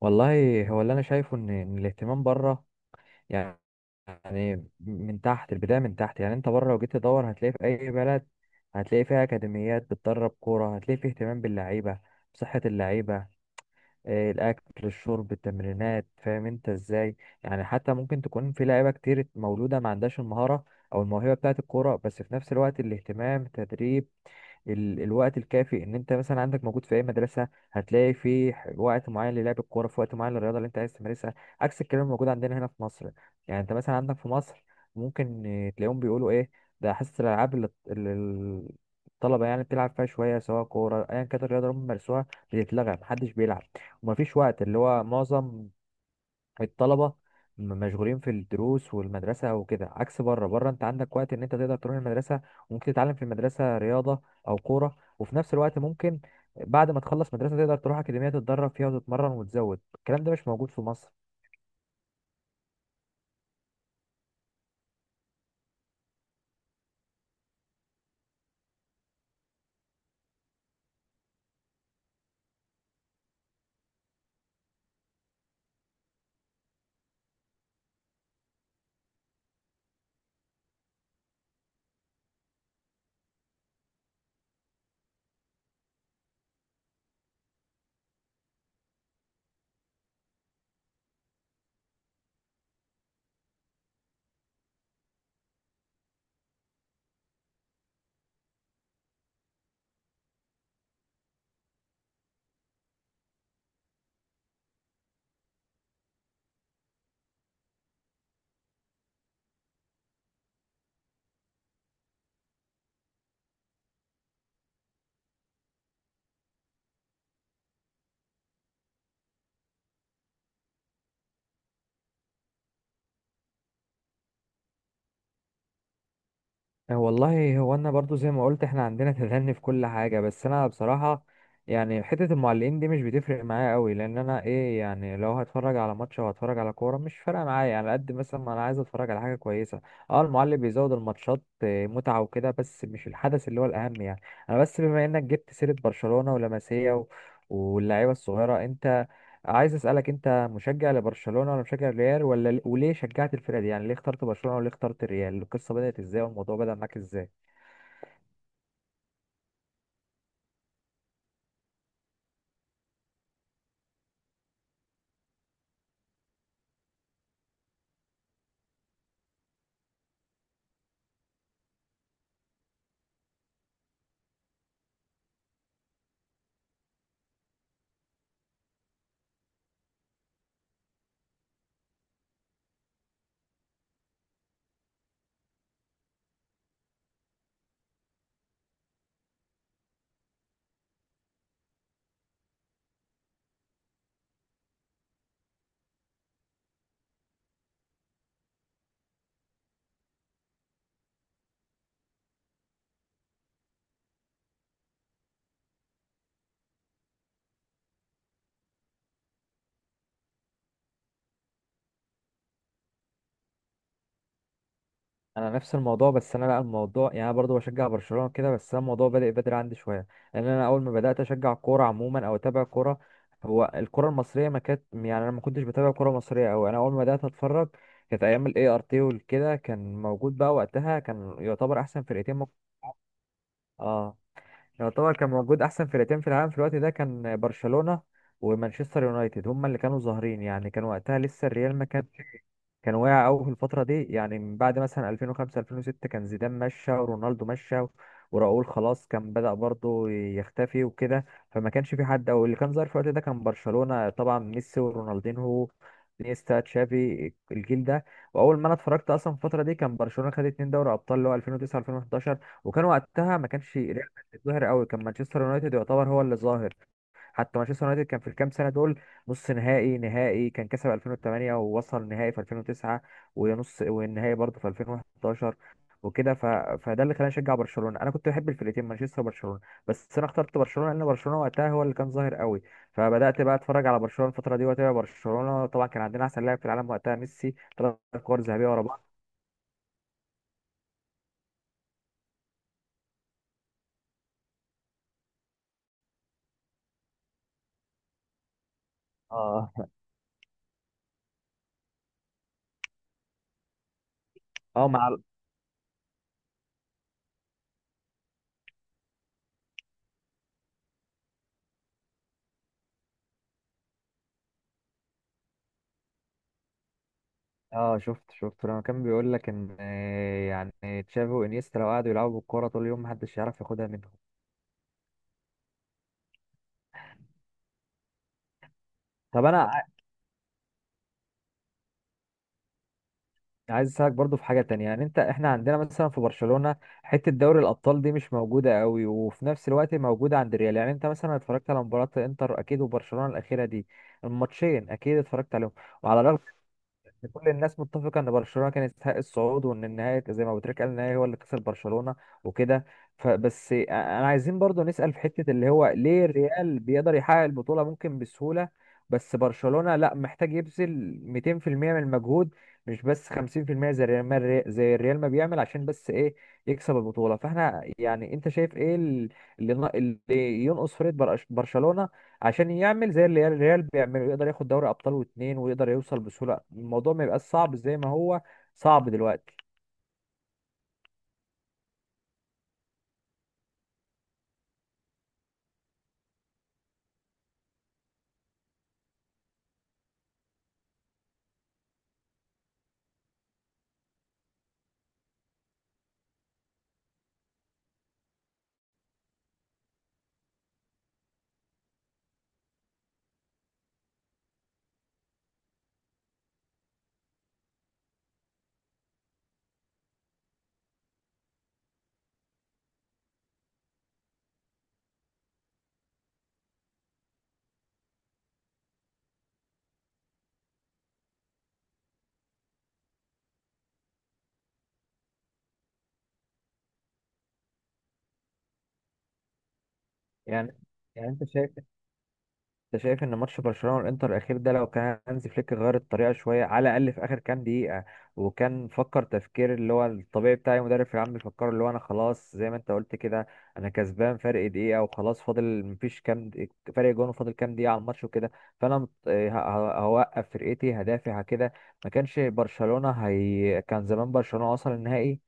والله هو اللي انا شايفه إن الاهتمام بره. يعني يعني من تحت البدايه، من تحت، يعني انت بره لو جيت تدور هتلاقي في اي بلد، هتلاقي فيها اكاديميات بتدرب كوره، هتلاقي في اهتمام باللعيبه، بصحه اللعيبه، الاكل، الشرب، التمرينات، فاهم انت ازاي. يعني حتى ممكن تكون في لعيبه كتير مولوده ما عندهاش المهاره او الموهبه بتاعه الكوره، بس في نفس الوقت الاهتمام، التدريب، الوقت الكافي، ان انت مثلا عندك موجود في اي مدرسه هتلاقي في وقت معين للعب الكوره، في وقت معين للرياضه اللي انت عايز تمارسها، عكس الكلام الموجود عندنا هنا في مصر. يعني انت مثلا عندك في مصر ممكن تلاقيهم بيقولوا ايه، ده حصه الالعاب اللي الطلبه يعني بتلعب فيها شويه، سواء كوره ايا كانت الرياضه اللي هم بيمارسوها، بتتلغى، محدش بيلعب، ومفيش وقت، اللي هو معظم الطلبة مشغولين في الدروس والمدرسة وكده. عكس بره انت عندك وقت ان انت تقدر تروح المدرسة، وممكن تتعلم في المدرسة رياضة او كورة، وفي نفس الوقت ممكن بعد ما تخلص مدرسة تقدر تروح أكاديمية تتدرب فيها وتتمرن وتزود. الكلام ده مش موجود في مصر. والله هو انا برضو زي ما قلت احنا عندنا تدني في كل حاجه، بس انا بصراحه يعني حته المعلقين دي مش بتفرق معايا قوي، لان انا ايه يعني، لو هتفرج على ماتش او هتفرج على كوره مش فارقه معايا، يعني على قد مثلا ما انا عايز اتفرج على حاجه كويسه. اه، المعلق بيزود الماتشات متعه وكده، بس مش الحدث اللي هو الاهم يعني. انا بس بما انك جبت سيره برشلونه ولاماسيا واللعيبه الصغيره، انت عايز اسالك، انت مشجع لبرشلونه ولا مشجع للريال؟ ولا وليه شجعت الفرقه دي؟ يعني ليه اخترت برشلونه، وليه اخترت الريال؟ القصه بدات ازاي والموضوع بدا معاك ازاي؟ انا نفس الموضوع، بس انا لا، الموضوع يعني انا برضه بشجع برشلونه كده، بس انا الموضوع بدا بدري عندي شويه، لان انا اول ما بدات اشجع كوره عموما او اتابع كوره، هو الكوره المصريه ما كانت، يعني انا ما كنتش بتابع كوره مصريه قوي. انا اول ما بدات اتفرج كانت ايام الاي ار تي وكده، كان موجود بقى وقتها، كان يعتبر احسن فرقتين اه، يعتبر كان موجود احسن فرقتين في العالم في الوقت ده، كان برشلونة ومانشستر يونايتد هما اللي كانوا ظاهرين. يعني كان وقتها لسه الريال ما كانش، كان واقع قوي في الفترة دي، يعني من بعد مثلا 2005 2006 كان زيدان مشى ورونالدو مشى وراؤول خلاص كان بدأ برضه يختفي وكده. فما كانش في حد، او اللي كان ظاهر في الوقت ده كان برشلونة، طبعا ميسي ورونالدينهو، نيستا، تشافي، الجيل ده. واول ما انا اتفرجت اصلا في الفتره دي كان برشلونه خد اتنين دوري ابطال اللي هو 2009 2011، وكان وقتها ما كانش ريال مدريد ظاهر قوي، كان مانشستر يونايتد يعتبر هو اللي ظاهر. حتى مانشستر يونايتد كان في الكام سنه دول نص نهائي، نهائي، كان كسب 2008 ووصل نهائي في 2009 ونص والنهائي برضه في 2011 وكده. فده اللي خلاني اشجع برشلونه. انا كنت بحب الفرقتين مانشستر وبرشلونه، بس انا اخترت برشلونه لان برشلونه وقتها هو اللي كان ظاهر قوي. فبدات بقى اتفرج على برشلونه الفتره دي واتابع برشلونه، طبعا كان عندنا احسن لاعب في العالم وقتها ميسي، ثلاث كور ذهبيه ورا بعض. اه. اه. اه، شفت لما كان بيقول لك ان يعني تشافي وانيستا لو قعدوا يلعبوا بالكوره طول اليوم محدش يعرف ياخدها منهم. طب انا عايز اسالك برضو في حاجه تانية، يعني انت، احنا عندنا مثلا في برشلونه حته دوري الابطال دي مش موجوده قوي، وفي نفس الوقت موجوده عند الريال. يعني انت مثلا اتفرجت على مباراه انتر اكيد وبرشلونه الاخيره دي، الماتشين اكيد اتفرجت عليهم. وعلى الرغم إن كل الناس متفقة إن برشلونة كانت تستحق الصعود، وإن النهاية زي ما أبو تريكة قال النهاية هو اللي كسب برشلونة وكده، فبس أنا عايزين برضو نسأل في حتة اللي هو ليه الريال بيقدر يحقق البطولة ممكن بسهولة، بس برشلونة لا، محتاج يبذل 200% من المجهود، مش بس 50% زي الريال ما، زي الريال ما بيعمل عشان بس إيه، يكسب البطولة. فاحنا يعني، أنت شايف إيه اللي ينقص فريق برشلونة عشان يعمل زي اللي الريال بيعمله، يقدر ياخد دوري ابطال واتنين ويقدر يوصل بسهوله، الموضوع ما يبقاش صعب زي ما هو صعب دلوقتي؟ يعني يعني انت شايف ان ماتش برشلونه والانتر الاخير ده لو كان هانزي فليك غير الطريقه شويه على الاقل في اخر كام دقيقه، وكان فكر تفكير اللي هو الطبيعي بتاع اي مدرب في العام، بيفكر اللي هو انا خلاص زي ما انت قلت كده، انا كسبان فرق دقيقه وخلاص، فاضل مفيش فرق جون، وفاضل كام دقيقه على الماتش وكده، فانا هوقف فرقتي، هدافع كده، ما كانش برشلونه، هي كان زمان برشلونه وصل النهائي.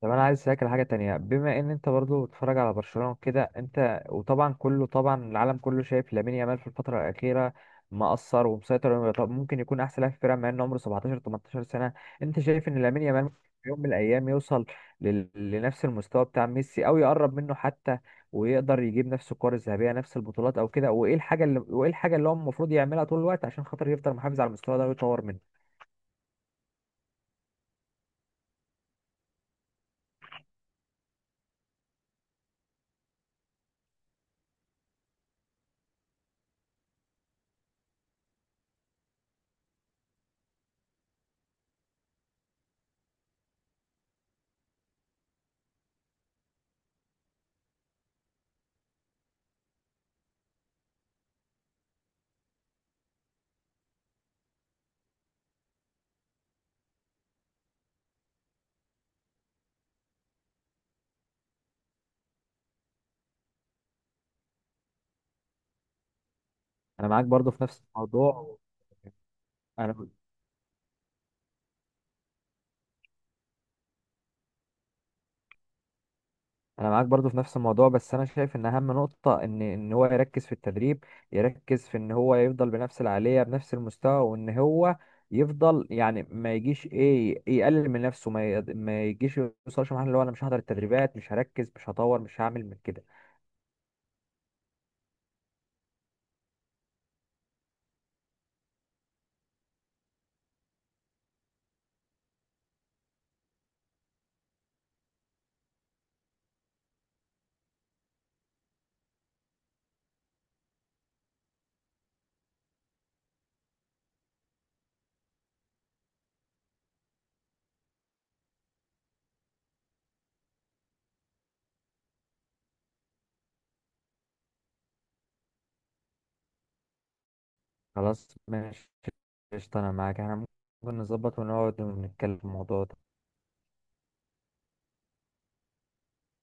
طب انا عايز اسالك على حاجه تانية، بما ان انت برضو بتتفرج على برشلونه وكده انت، وطبعا كله، طبعا العالم كله شايف لامين يامال في الفتره الاخيره مأثر ومسيطر، طب ممكن يكون احسن لاعب في الفرقه مع ان عمره 17 18 سنه. انت شايف ان لامين يامال ممكن في يوم من الايام يوصل لنفس المستوى بتاع ميسي او يقرب منه حتى، ويقدر يجيب نفس الكور الذهبيه، نفس البطولات او كده؟ وايه الحاجه اللي، هو المفروض يعملها طول الوقت عشان خاطر يفضل محافظ على المستوى ده ويطور منه؟ انا معاك برضو في نفس الموضوع انا انا معاك برضو في نفس الموضوع، بس انا شايف ان اهم نقطة ان هو يركز في التدريب، يركز في ان هو يفضل بنفس العالية، بنفس المستوى، وان هو يفضل، يعني ما يجيش ايه يقلل من نفسه، ما يجيش يوصلش لمرحلة اللي هو انا مش هحضر التدريبات، مش هركز، مش هطور، مش هعمل من كده. خلاص ماشي، قشطة انا معاك، احنا ممكن نظبط ونقعد ونتكلم في الموضوع ده.